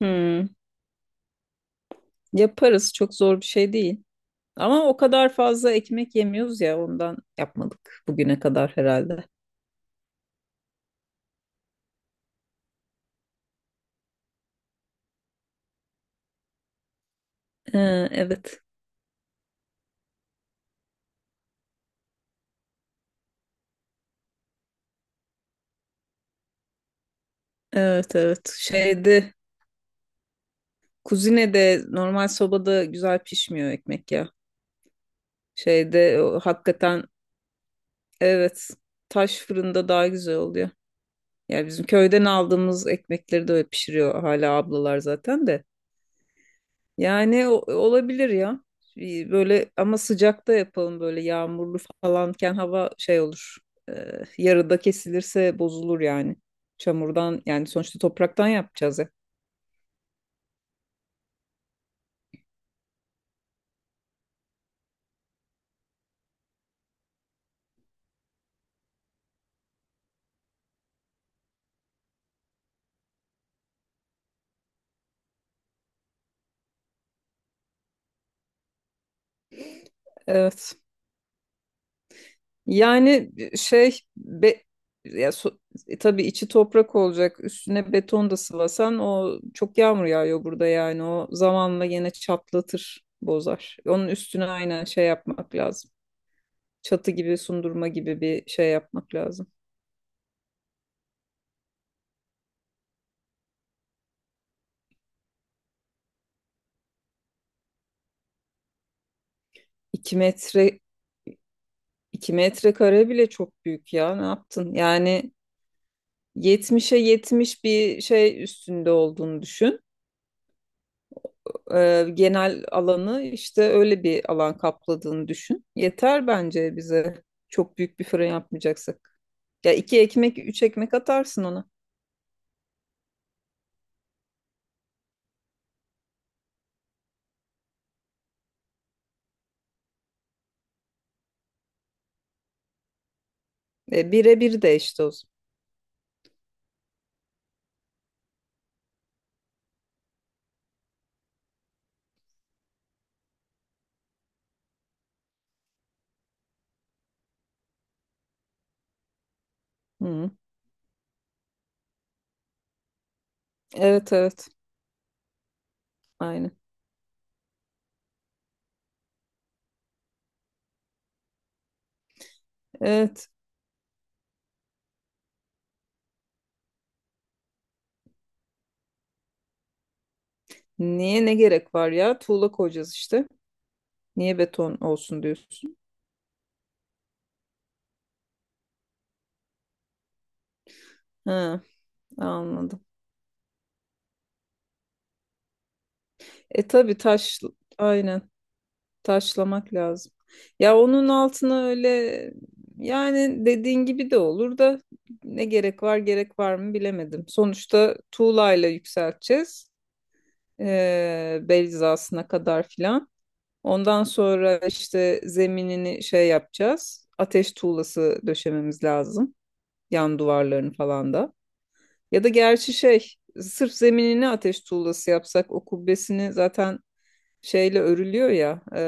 Hmm, yaparız. Çok zor bir şey değil. Ama o kadar fazla ekmek yemiyoruz ya ondan yapmadık bugüne kadar herhalde. Evet. Evet evet. Kuzinede normal sobada güzel pişmiyor ekmek ya. Hakikaten, evet, taş fırında daha güzel oluyor. Yani bizim köyden aldığımız ekmekleri de öyle pişiriyor hala ablalar zaten de. Yani olabilir ya. Böyle ama sıcakta yapalım, böyle yağmurlu falanken hava şey olur. Yarıda kesilirse bozulur yani. Çamurdan, yani sonuçta topraktan yapacağız ya. Evet. Yani e, şey be, ya so- e, tabii içi toprak olacak. Üstüne beton da sıvasan, o çok yağmur yağıyor burada yani. O zamanla yine çatlatır, bozar. Onun üstüne aynen şey yapmak lazım. Çatı gibi, sundurma gibi bir şey yapmak lazım. 2 metre, 2 metrekare bile çok büyük ya. Ne yaptın? Yani 70'e 70 bir şey üstünde olduğunu düşün. Genel alanı, işte öyle bir alan kapladığını düşün. Yeter bence bize. Çok büyük bir fırın yapmayacaksak. Ya iki ekmek, üç ekmek atarsın ona. Bire bir de işte o zaman. Hı. Evet evet. Aynen. Evet. Niye, ne gerek var ya? Tuğla koyacağız işte. Niye beton olsun diyorsun? Ha, anladım. Tabii, taş, aynen. Taşlamak lazım. Ya onun altına öyle, yani dediğin gibi de olur da, ne gerek var, gerek var mı bilemedim. Sonuçta tuğlayla yükselteceğiz. Bel hizasına kadar filan. Ondan sonra işte zeminini şey yapacağız. Ateş tuğlası döşememiz lazım. Yan duvarlarını falan da. Ya da gerçi şey, sırf zeminini ateş tuğlası yapsak, o kubbesini zaten şeyle örülüyor ya. e,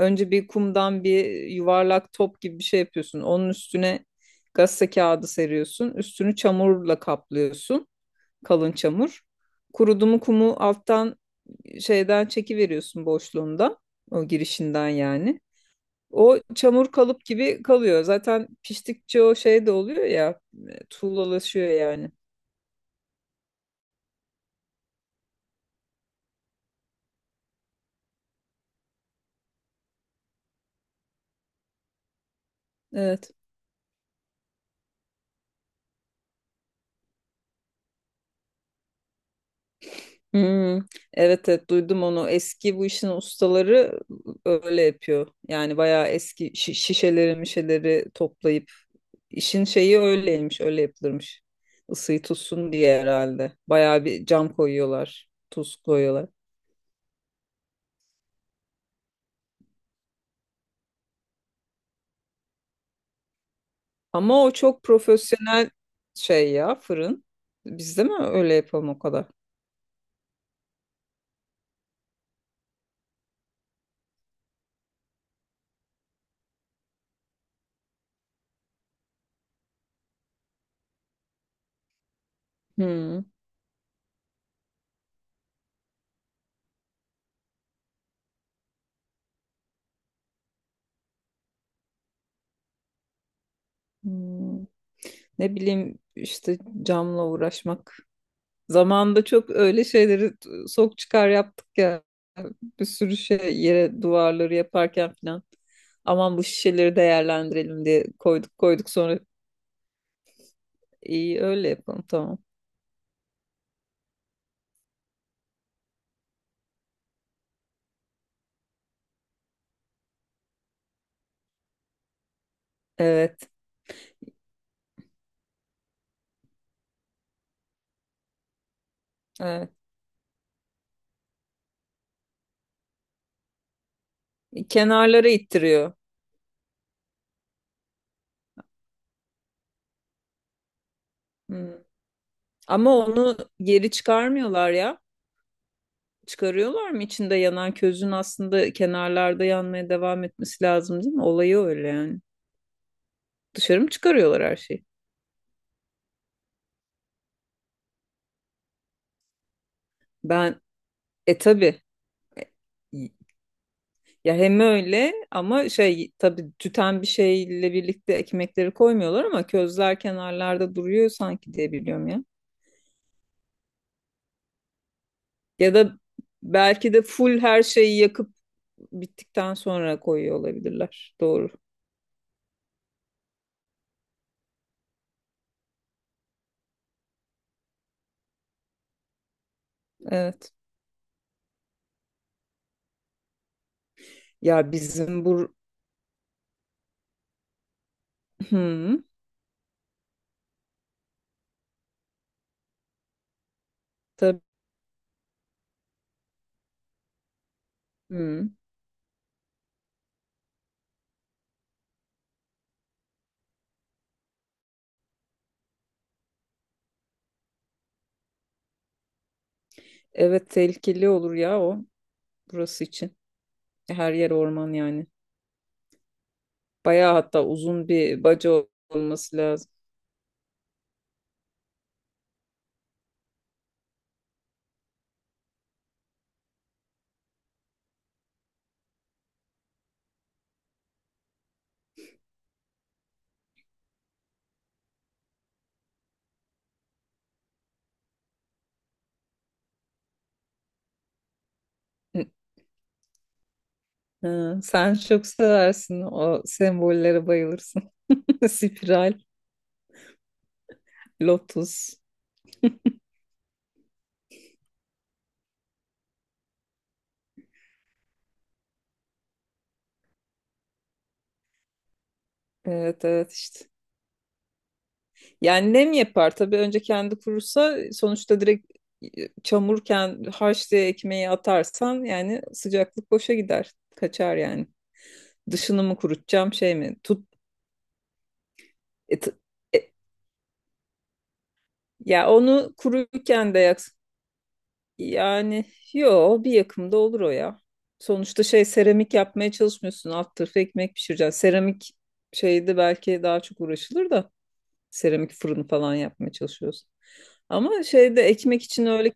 önce bir kumdan bir yuvarlak top gibi bir şey yapıyorsun. Onun üstüne gazete kağıdı seriyorsun. Üstünü çamurla kaplıyorsun. Kalın çamur. Kurudu mu kumu alttan şeyden çekiveriyorsun boşluğunda. O girişinden yani. O çamur kalıp gibi kalıyor. Zaten piştikçe o şey de oluyor ya. Tuğlalaşıyor yani. Evet. Hmm, evet evet, duydum onu. Eski bu işin ustaları öyle yapıyor. Yani bayağı eski şişeleri mişeleri toplayıp, işin şeyi öyleymiş, öyle yapılırmış. Isıyı tutsun diye herhalde. Bayağı bir cam koyuyorlar, tuz koyuyorlar. Ama o çok profesyonel şey ya, fırın. Biz de mi öyle yapalım o kadar? Hmm. Hmm. Ne bileyim işte, camla uğraşmak. Zamanında çok öyle şeyleri sok çıkar yaptık ya. Bir sürü şey, yere duvarları yaparken falan. Aman bu şişeleri değerlendirelim diye koyduk koyduk, sonra iyi, öyle yapalım, tamam. Evet, evet. Kenarlara ittiriyor. Hmm. Ama onu geri çıkarmıyorlar ya. Çıkarıyorlar mı? İçinde yanan közün aslında kenarlarda yanmaya devam etmesi lazım değil mi? Olayı öyle yani. Dışarı mı çıkarıyorlar her şeyi? Ben e tabii E, Y- Ya hem öyle, ama şey tabii, tüten bir şeyle birlikte ekmekleri koymuyorlar ama közler kenarlarda duruyor sanki diye biliyorum ya. Ya da belki de full her şeyi yakıp bittikten sonra koyuyor olabilirler. Doğru. Evet. Ya bizim bu Hı, tabii. Hı. Evet, tehlikeli olur ya o, burası için. Her yer orman yani. Bayağı hatta uzun bir baca olması lazım. Ha, sen çok seversin, o sembollere bayılırsın. Spiral, lotus. Evet evet, işte. Yani nem yapar tabii, önce kendi kurursa, sonuçta direkt e, çamurken, harç diye ekmeği atarsan yani, sıcaklık boşa gider. Kaçar yani. Dışını mı kurutacağım, şey mi? Tut e, t- e, ya onu kuruyken de yak. Yani, yo, bir yakımda olur o ya. Sonuçta şey, seramik yapmaya çalışmıyorsun. Alt tarafı ekmek pişireceksin. Seramik şeyde belki daha çok uğraşılır da, seramik fırını falan yapmaya çalışıyorsun. Ama şeyde, ekmek için öyle.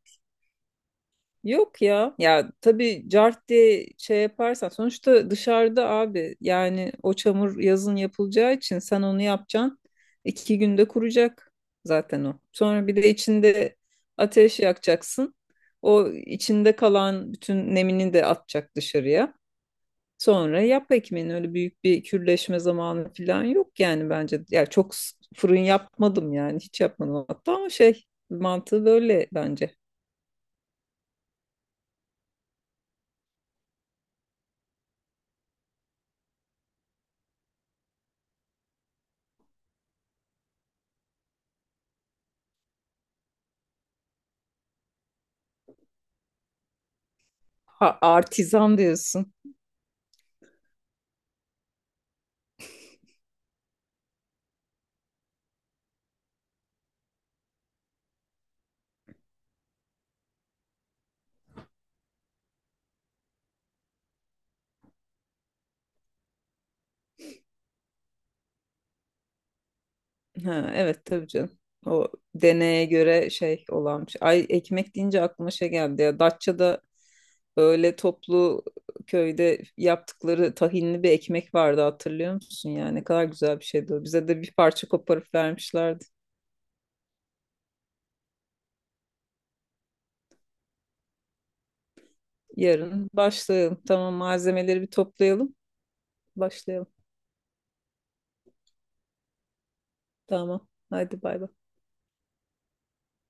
Yok ya. Ya tabii, cart diye şey yaparsan, sonuçta dışarıda abi yani, o çamur yazın yapılacağı için sen onu yapacaksın. 2 günde kuracak zaten o. Sonra bir de içinde ateş yakacaksın. O içinde kalan bütün nemini de atacak dışarıya. Sonra yap ekmeğini, öyle büyük bir kürleşme zamanı falan yok yani bence. Ya çok fırın yapmadım yani, hiç yapmadım hatta, ama şey, mantığı böyle bence. Ha, artizan diyorsun. Ha, evet tabii canım. O deneye göre şey olanmış. Ay, ekmek deyince aklıma şey geldi ya. Datça'da öyle toplu, köyde yaptıkları tahinli bir ekmek vardı, hatırlıyor musun? Yani ne kadar güzel bir şeydi o. Bize de bir parça koparıp vermişlerdi. Yarın başlayalım. Tamam, malzemeleri bir toplayalım. Başlayalım. Tamam. Hadi bay bay.